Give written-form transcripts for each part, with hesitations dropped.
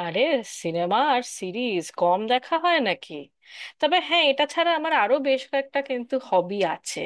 আরে, সিনেমা আর সিরিজ কম দেখা হয় নাকি? তবে হ্যাঁ, এটা ছাড়া আমার আরো বেশ কয়েকটা কিন্তু হবি আছে।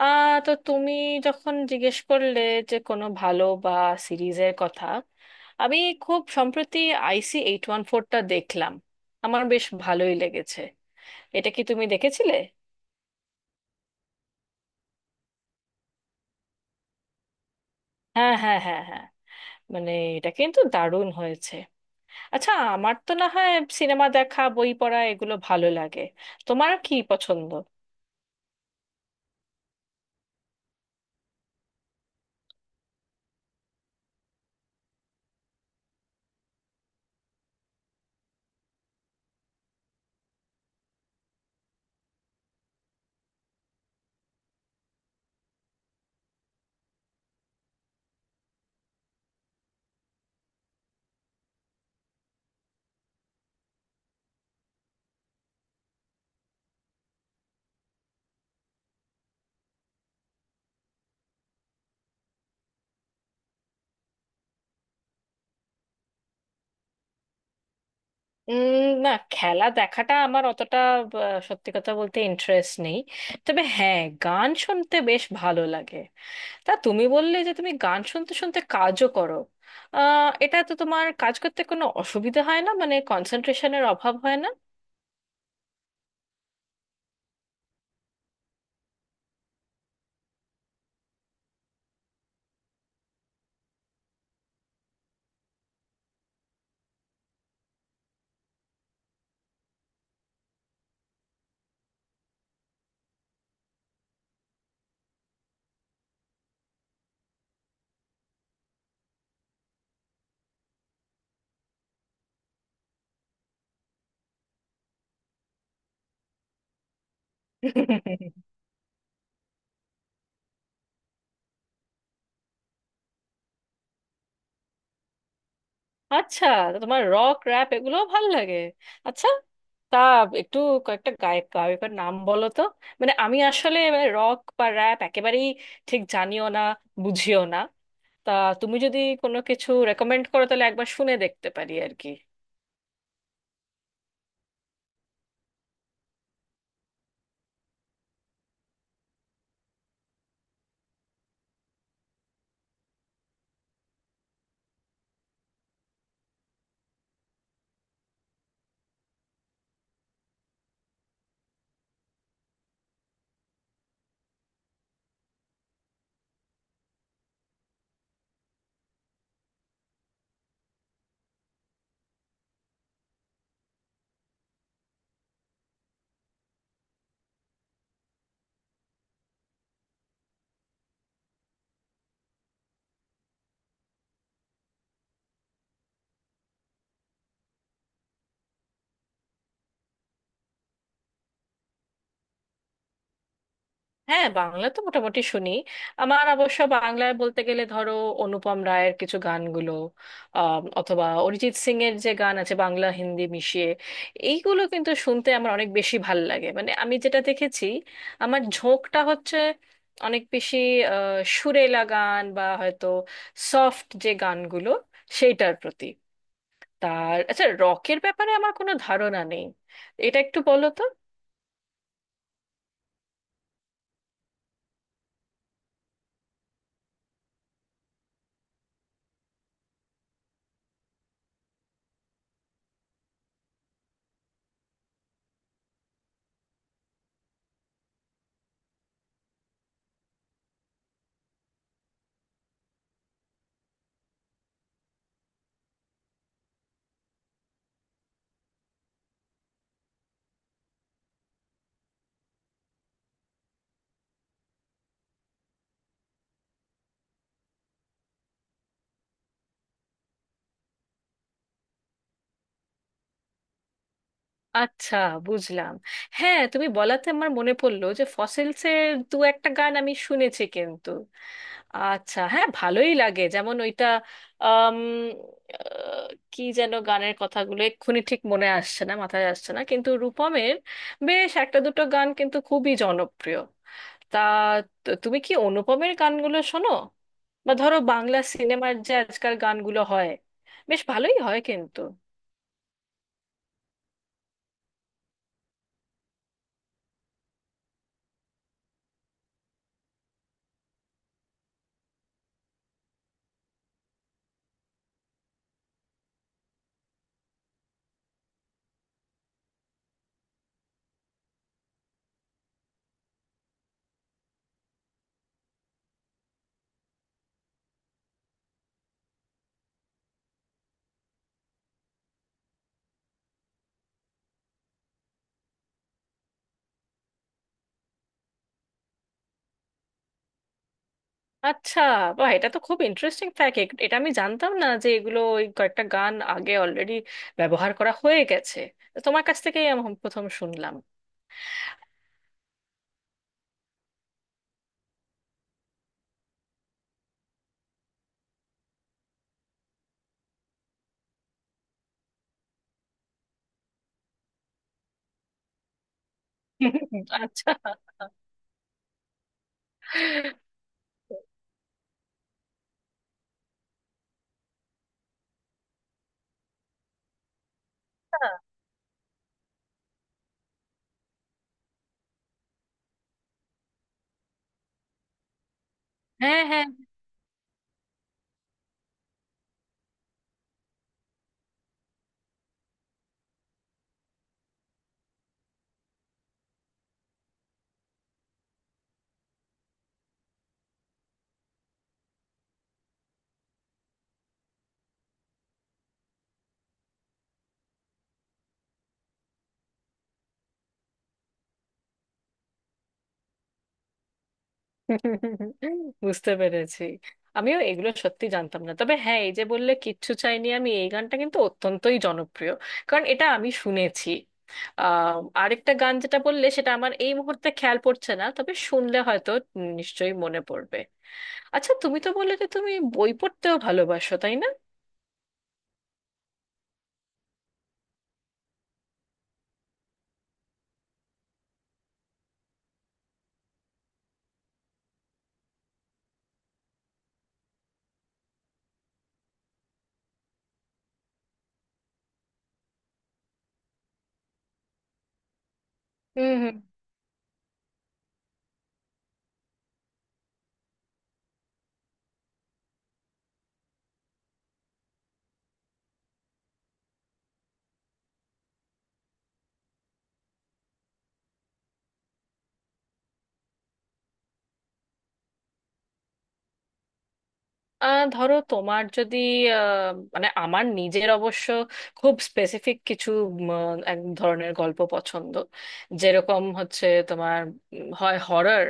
তো তুমি যখন জিজ্ঞেস করলে যে কোনো ভালো বা সিরিজের কথা, আমি খুব সম্প্রতি আইসি এইট ওয়ান ফোরটা দেখলাম। আমার বেশ ভালোই লেগেছে। এটা কি তুমি দেখেছিলে? হ্যাঁ, হ্যাঁ, হ্যাঁ, হ্যাঁ। মানে এটা কিন্তু দারুণ হয়েছে। আচ্ছা, আমার তো না হয় সিনেমা দেখা, বই পড়া এগুলো ভালো লাগে। তোমার কি পছন্দ? না, খেলা দেখাটা আমার অতটা সত্যি কথা বলতে ইন্টারেস্ট নেই। তবে হ্যাঁ, গান শুনতে বেশ ভালো লাগে। তা তুমি বললে যে তুমি গান শুনতে শুনতে কাজও করো। এটা তো তোমার কাজ করতে কোনো অসুবিধা হয় না? মানে কনসেন্ট্রেশনের অভাব হয় না? আচ্ছা, তো তোমার রক, র্যাপ এগুলোও ভালো লাগে। আচ্ছা, তা একটু কয়েকটা গায়ক, গায়কের নাম বলো তো। মানে আমি আসলে রক বা র্যাপ একেবারেই ঠিক জানিও না, বুঝিও না। তা তুমি যদি কোনো কিছু রেকমেন্ড করো তাহলে একবার শুনে দেখতে পারি আর কি। হ্যাঁ, বাংলা তো মোটামুটি শুনি। আমার অবশ্য বাংলায় বলতে গেলে ধরো অনুপম রায়ের কিছু গানগুলো, অথবা অরিজিৎ সিং এর যে গান আছে বাংলা হিন্দি মিশিয়ে, এইগুলো কিন্তু শুনতে আমার অনেক বেশি ভাল লাগে। মানে আমি যেটা দেখেছি আমার ঝোঁকটা হচ্ছে অনেক বেশি সুরেলা গান বা হয়তো সফট যে গানগুলো সেইটার প্রতি। তার আচ্ছা, রকের ব্যাপারে আমার কোনো ধারণা নেই, এটা একটু বলো তো। আচ্ছা, বুঝলাম। হ্যাঁ, তুমি বলাতে আমার মনে পড়লো যে ফসিলসের দু একটা গান আমি শুনেছি কিন্তু। আচ্ছা, হ্যাঁ, ভালোই লাগে যেমন ওইটা আম, আহ, কি যেন, গানের কথাগুলো এক্ষুনি ঠিক মনে আসছে না, মাথায় আসছে না, কিন্তু রূপমের বেশ একটা দুটো গান কিন্তু খুবই জনপ্রিয়। তা তো তুমি কি অনুপমের গানগুলো শোনো? বা ধরো বাংলা সিনেমার যে আজকাল গানগুলো হয় বেশ ভালোই হয় কিন্তু। আচ্ছা, বাহ, এটা তো খুব ইন্টারেস্টিং ফ্যাক্ট। এটা আমি জানতাম না যে এগুলো ওই কয়েকটা গান আগে অলরেডি ব্যবহার করা হয়ে গেছে। তো তোমার কাছ থেকেই আমি প্রথম শুনলাম। আচ্ছা। হ্যাঁ, হ্যাঁ। বুঝতে পেরেছি। আমিও এগুলো সত্যি জানতাম না, তবে হ্যাঁ, এই যে বললে কিচ্ছু চাইনি আমি, এই গানটা কিন্তু অত্যন্তই জনপ্রিয়, কারণ এটা আমি শুনেছি। আহ, আরেকটা গান যেটা বললে সেটা আমার এই মুহূর্তে খেয়াল পড়ছে না, তবে শুনলে হয়তো নিশ্চয়ই মনে পড়বে। আচ্ছা, তুমি তো বললে যে তুমি বই পড়তেও ভালোবাসো, তাই না? হুম, হুম। ধরো তোমার যদি আহ, মানে আমার নিজের অবশ্য খুব স্পেসিফিক কিছু এক ধরনের গল্প পছন্দ, যেরকম হচ্ছে তোমার হয় হরর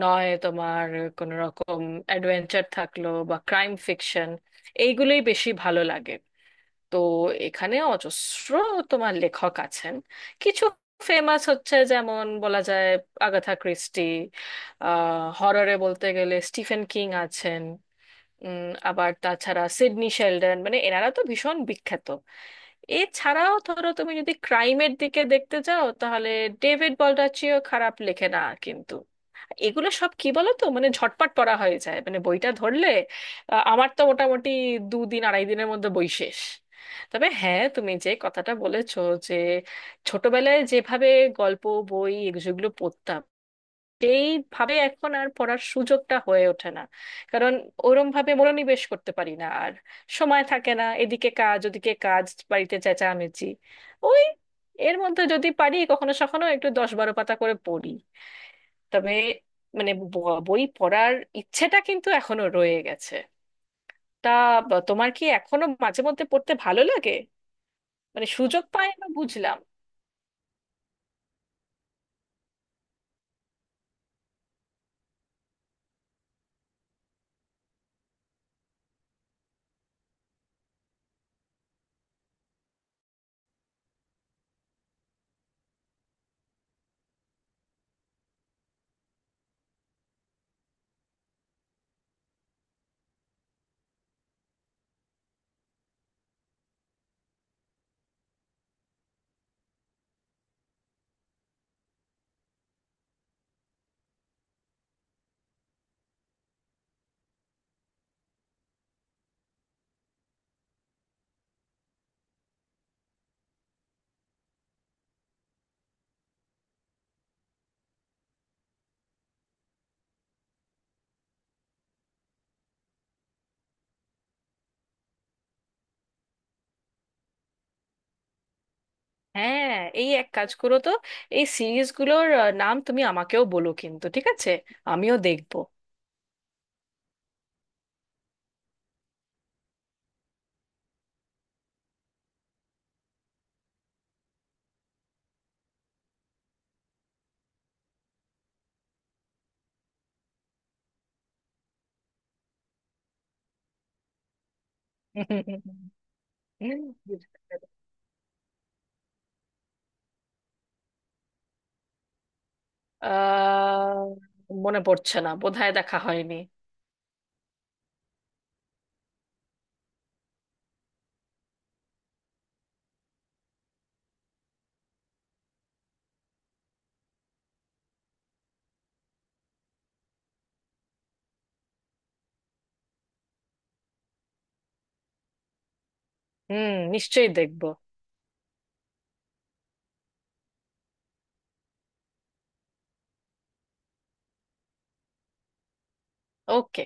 নয় তোমার কোনো রকম অ্যাডভেঞ্চার থাকলো, বা ক্রাইম ফিকশন, এইগুলোই বেশি ভালো লাগে। তো এখানে অজস্র তোমার লেখক আছেন, কিছু ফেমাস হচ্ছে, যেমন বলা যায় আগাথা ক্রিস্টি। আহ, হররে বলতে গেলে স্টিফেন কিং আছেন, আবার তাছাড়া সিডনি শেলডন, মানে এনারা তো ভীষণ বিখ্যাত। এছাড়াও ধরো তুমি যদি ক্রাইমের দিকে দেখতে যাও তাহলে ডেভিড বল্ডাচিও খারাপ লেখে না কিন্তু। এগুলো সব কি বলো তো, মানে ঝটপট পড়া হয়ে যায়, মানে বইটা ধরলে আমার তো মোটামুটি দুদিন আড়াই দিনের মধ্যে বই শেষ। তবে হ্যাঁ, তুমি যে কথাটা বলেছো যে ছোটবেলায় যেভাবে গল্প বই এগুলো পড়তাম সেইভাবে এখন আর পড়ার সুযোগটা হয়ে ওঠে না, কারণ ওরম ভাবে মনোনিবেশ করতে পারি না আর, সময় থাকে না, এদিকে কাজ ওদিকে কাজ, বাড়িতে চেঁচামেচি, ওই এর মধ্যে যদি পারি কখনো সখনো একটু 10-12 পাতা করে পড়ি। তবে মানে বই পড়ার ইচ্ছেটা কিন্তু এখনো রয়ে গেছে। তা তোমার কি এখনো মাঝে মধ্যে পড়তে ভালো লাগে? মানে সুযোগ পায় না, বুঝলাম। হ্যাঁ, এই এক কাজ করো তো, এই সিরিজগুলোর নাম তুমি আমাকেও বলো কিন্তু, ঠিক আছে? আমিও দেখবো। বুঝতে পেরেছি। আহ, মনে পড়ছে না, বোধহয় দেখা হয়নি। হুম, নিশ্চয়ই দেখবো। ওকে।